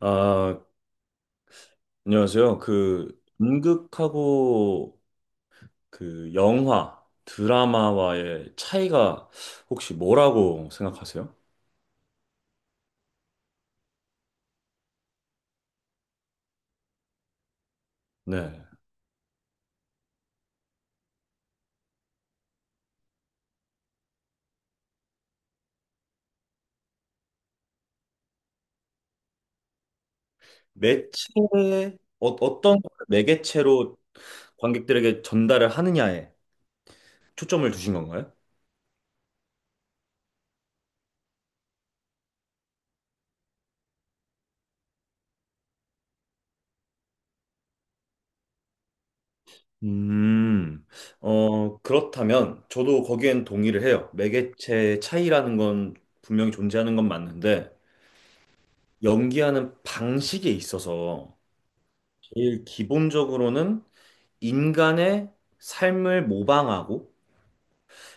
아, 안녕하세요. 그 연극하고 그 영화, 드라마와의 차이가 혹시 뭐라고 생각하세요? 네. 매체, 어떤 매개체로 관객들에게 전달을 하느냐에 초점을 두신 건가요? 음, 어, 그렇다면 저도 거기엔 동의를 해요. 매개체의 차이라는 건 분명히 존재하는 건 맞는데 연기하는 방식에 있어서 제일 기본적으로는 인간의 삶을 모방하고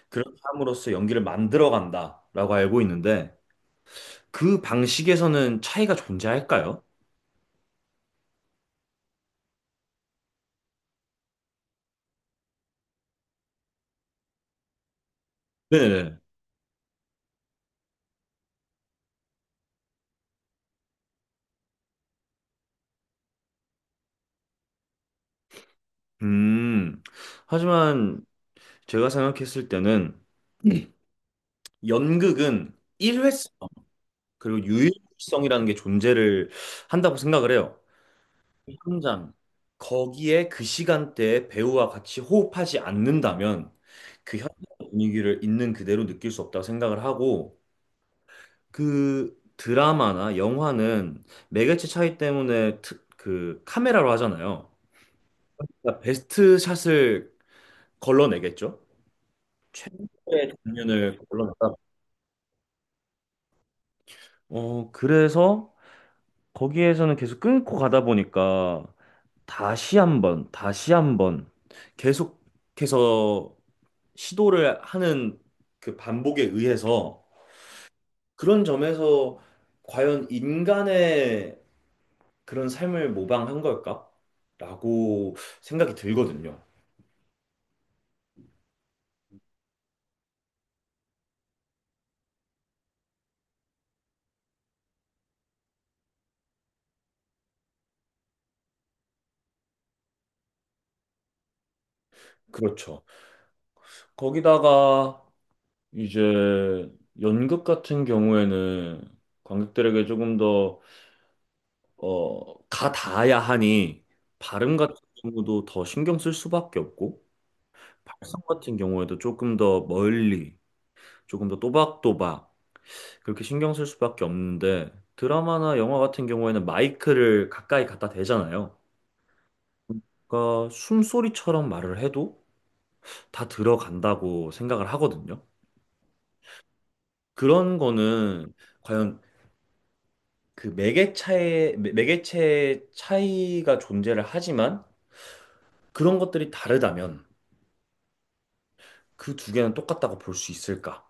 그렇게 함으로써 연기를 만들어간다라고 알고 있는데 그 방식에서는 차이가 존재할까요? 네네. 음, 하지만 제가 생각했을 때는 네. 연극은 일회성 그리고 유일성이라는 게 존재를 한다고 생각을 해요. 그 현장 거기에 그 시간대에 배우와 같이 호흡하지 않는다면 그 현장 분위기를 있는 그대로 느낄 수 없다고 생각을 하고 그 드라마나 영화는 매개체 차이 때문에 그 카메라로 하잖아요. 그러니까 베스트 샷을 걸러내겠죠? 네. 장면을 걸러내다. 어, 그래서 거기에서는 계속 끊고 가다 보니까 다시 한번, 다시 한번 계속해서 시도를 하는 그 반복에 의해서 그런 점에서 과연 인간의 그런 삶을 모방한 걸까? 라고 생각이 들거든요. 그렇죠. 거기다가 이제 연극 같은 경우에는 관객들에게 조금 더, 어, 가닿아야 하니 발음 같은 경우도 더 신경 쓸 수밖에 없고 발성 같은 경우에도 조금 더 멀리, 조금 더 또박또박 그렇게 신경 쓸 수밖에 없는데 드라마나 영화 같은 경우에는 마이크를 가까이 갖다 대잖아요. 그러니까 숨소리처럼 말을 해도 다 들어간다고 생각을 하거든요. 그런 거는 과연 그 매개체의 차이가 존재를 하지만 그런 것들이 다르다면 그 두 개는 똑같다고 볼 수 있을까?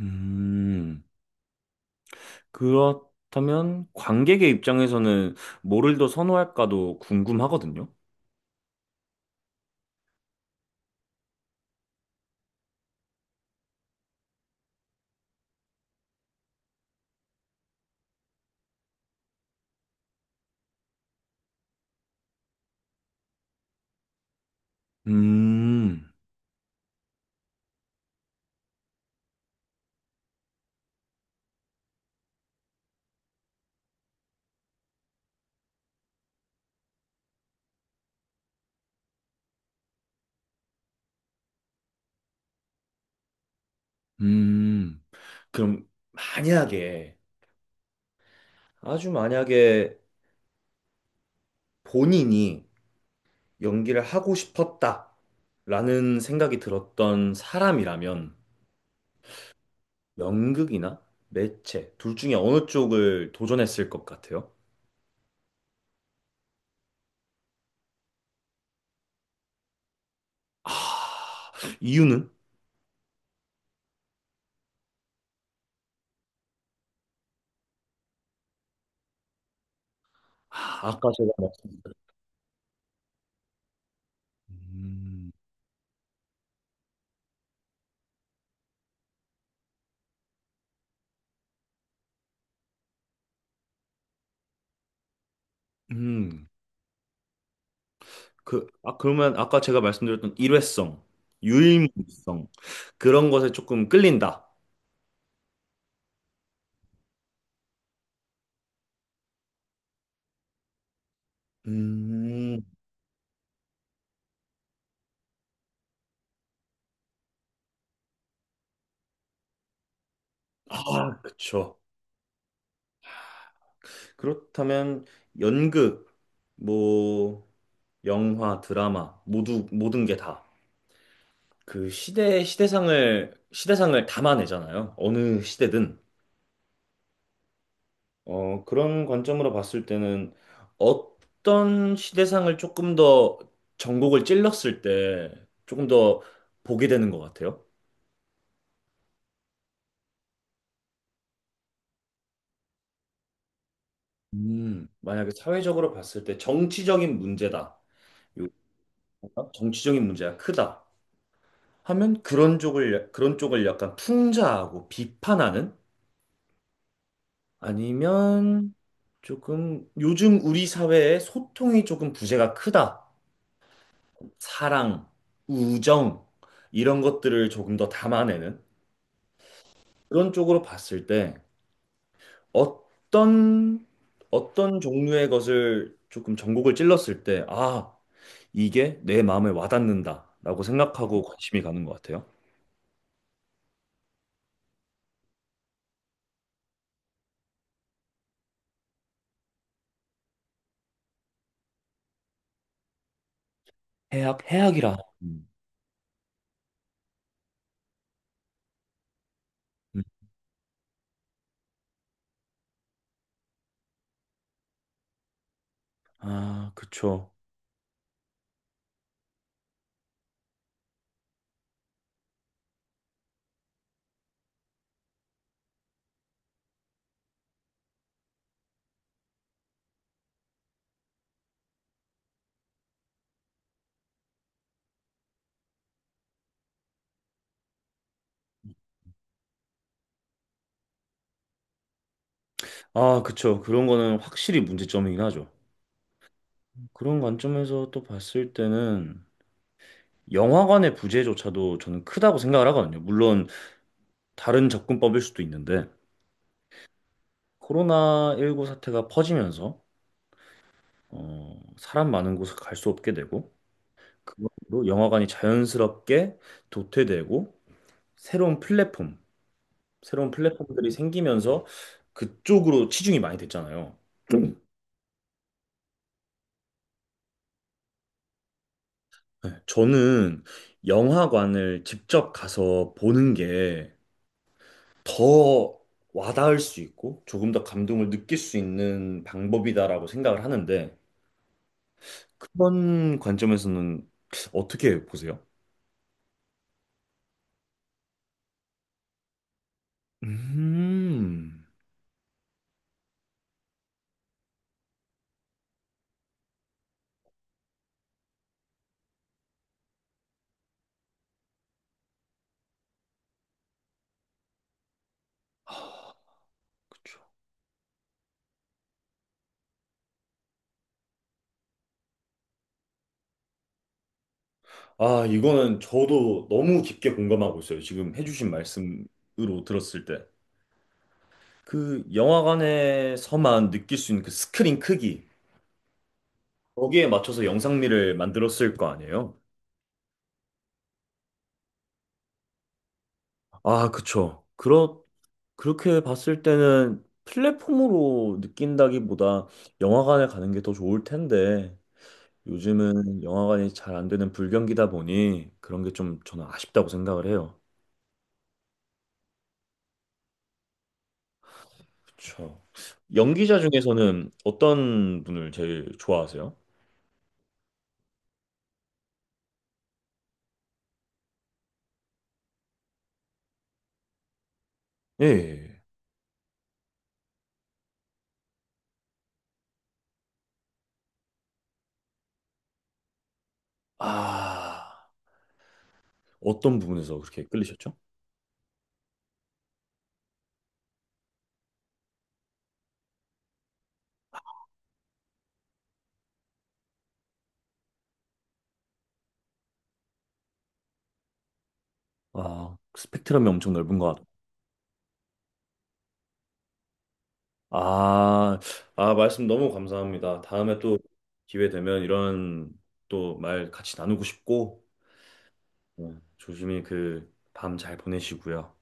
음, 그렇다면 관객의 입장에서는 뭐를 더 선호할까도 궁금하거든요. 음, 음. 그럼 만약에 아주 만약에 본인이 연기를 하고 싶었다라는 생각이 들었던 사람이라면 연극이나 매체 둘 중에 어느 쪽을 도전했을 것 같아요? 아, 이유는? 아, 아까 제가 말씀드렸던 음, 음, 그, 아, 그러면 아까 제가 말씀드렸던 일회성, 유일무이성 그런 것에 조금 끌린다. 음, 아, 그쵸. 그렇다면 연극, 뭐 영화, 드라마 모두 모든 게 다. 그 시대, 시대상을, 시대상을 담아내잖아요. 어느 시대든. 어, 그런 관점으로 봤을 때는 어떤 시대상을 조금 더 전곡을 찔렀을 때 조금 더 보게 되는 것 같아요. 만약에 사회적으로 봤을 때 정치적인 문제다. 요- 정치적인 문제가 크다. 하면 그런 쪽을 약간 풍자하고 비판하는 아니면 조금 요즘 우리 사회에 소통이 조금 부재가 크다. 사랑, 우정 이런 것들을 조금 더 담아내는 그런 쪽으로 봤을 때 어떤 어떤 종류의 것을 조금 전곡을 찔렀을 때 아, 이게 내 마음에 와닿는다라고 생각하고 관심이 가는 것 같아요. 해악, 해악이라. 음. 음. 아, 그쵸. 아, 그쵸. 그런 거는 확실히 문제점이긴 하죠. 그런 관점에서 또 봤을 때는 영화관의 부재조차도 저는 크다고 생각을 하거든요. 물론 다른 접근법일 수도 있는데 코로나19 사태가 퍼지면서 어, 사람 많은 곳을 갈 수 없게 되고 그걸로 영화관이 자연스럽게 도태되고 새로운 플랫폼, 새로운 플랫폼들이 생기면서 그쪽으로 치중이 많이 됐잖아요. 음. 네, 저는 영화관을 직접 가서 보는 게 더 와닿을 수 있고 조금 더 감동을 느낄 수 있는 방법이다라고 생각을 하는데 그런 관점에서는 어떻게 보세요? 음, 그쵸. 아, 이거는 저도 너무 깊게 공감하고 있어요. 지금 해주신 말씀으로 들었을 때. 그 영화관에서만 느낄 수 있는 그 스크린 크기, 거기에 맞춰서 영상미를 만들었을 거 아니에요? 아, 그쵸. 그렇 그렇게 봤을 때는 플랫폼으로 느낀다기보다 영화관에 가는 게 더 좋을 텐데 요즘은 영화관이 잘 안 되는 불경기다 보니 그런 게 좀 저는 아쉽다고 생각을 해요. 그렇죠. 연기자 중에서는 어떤 분을 제일 좋아하세요? 예. 예. 아, 어떤 부분에서 그렇게 끌리셨죠? 아, 스펙트럼이 엄청 넓은 것 같아요. 아, 아, 말씀 너무 감사합니다. 다음에 또 기회 되면 이런 또 말 같이 나누고 싶고 네, 조심히 그 밤 잘 보내시고요.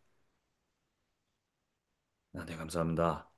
아, 네, 감사합니다.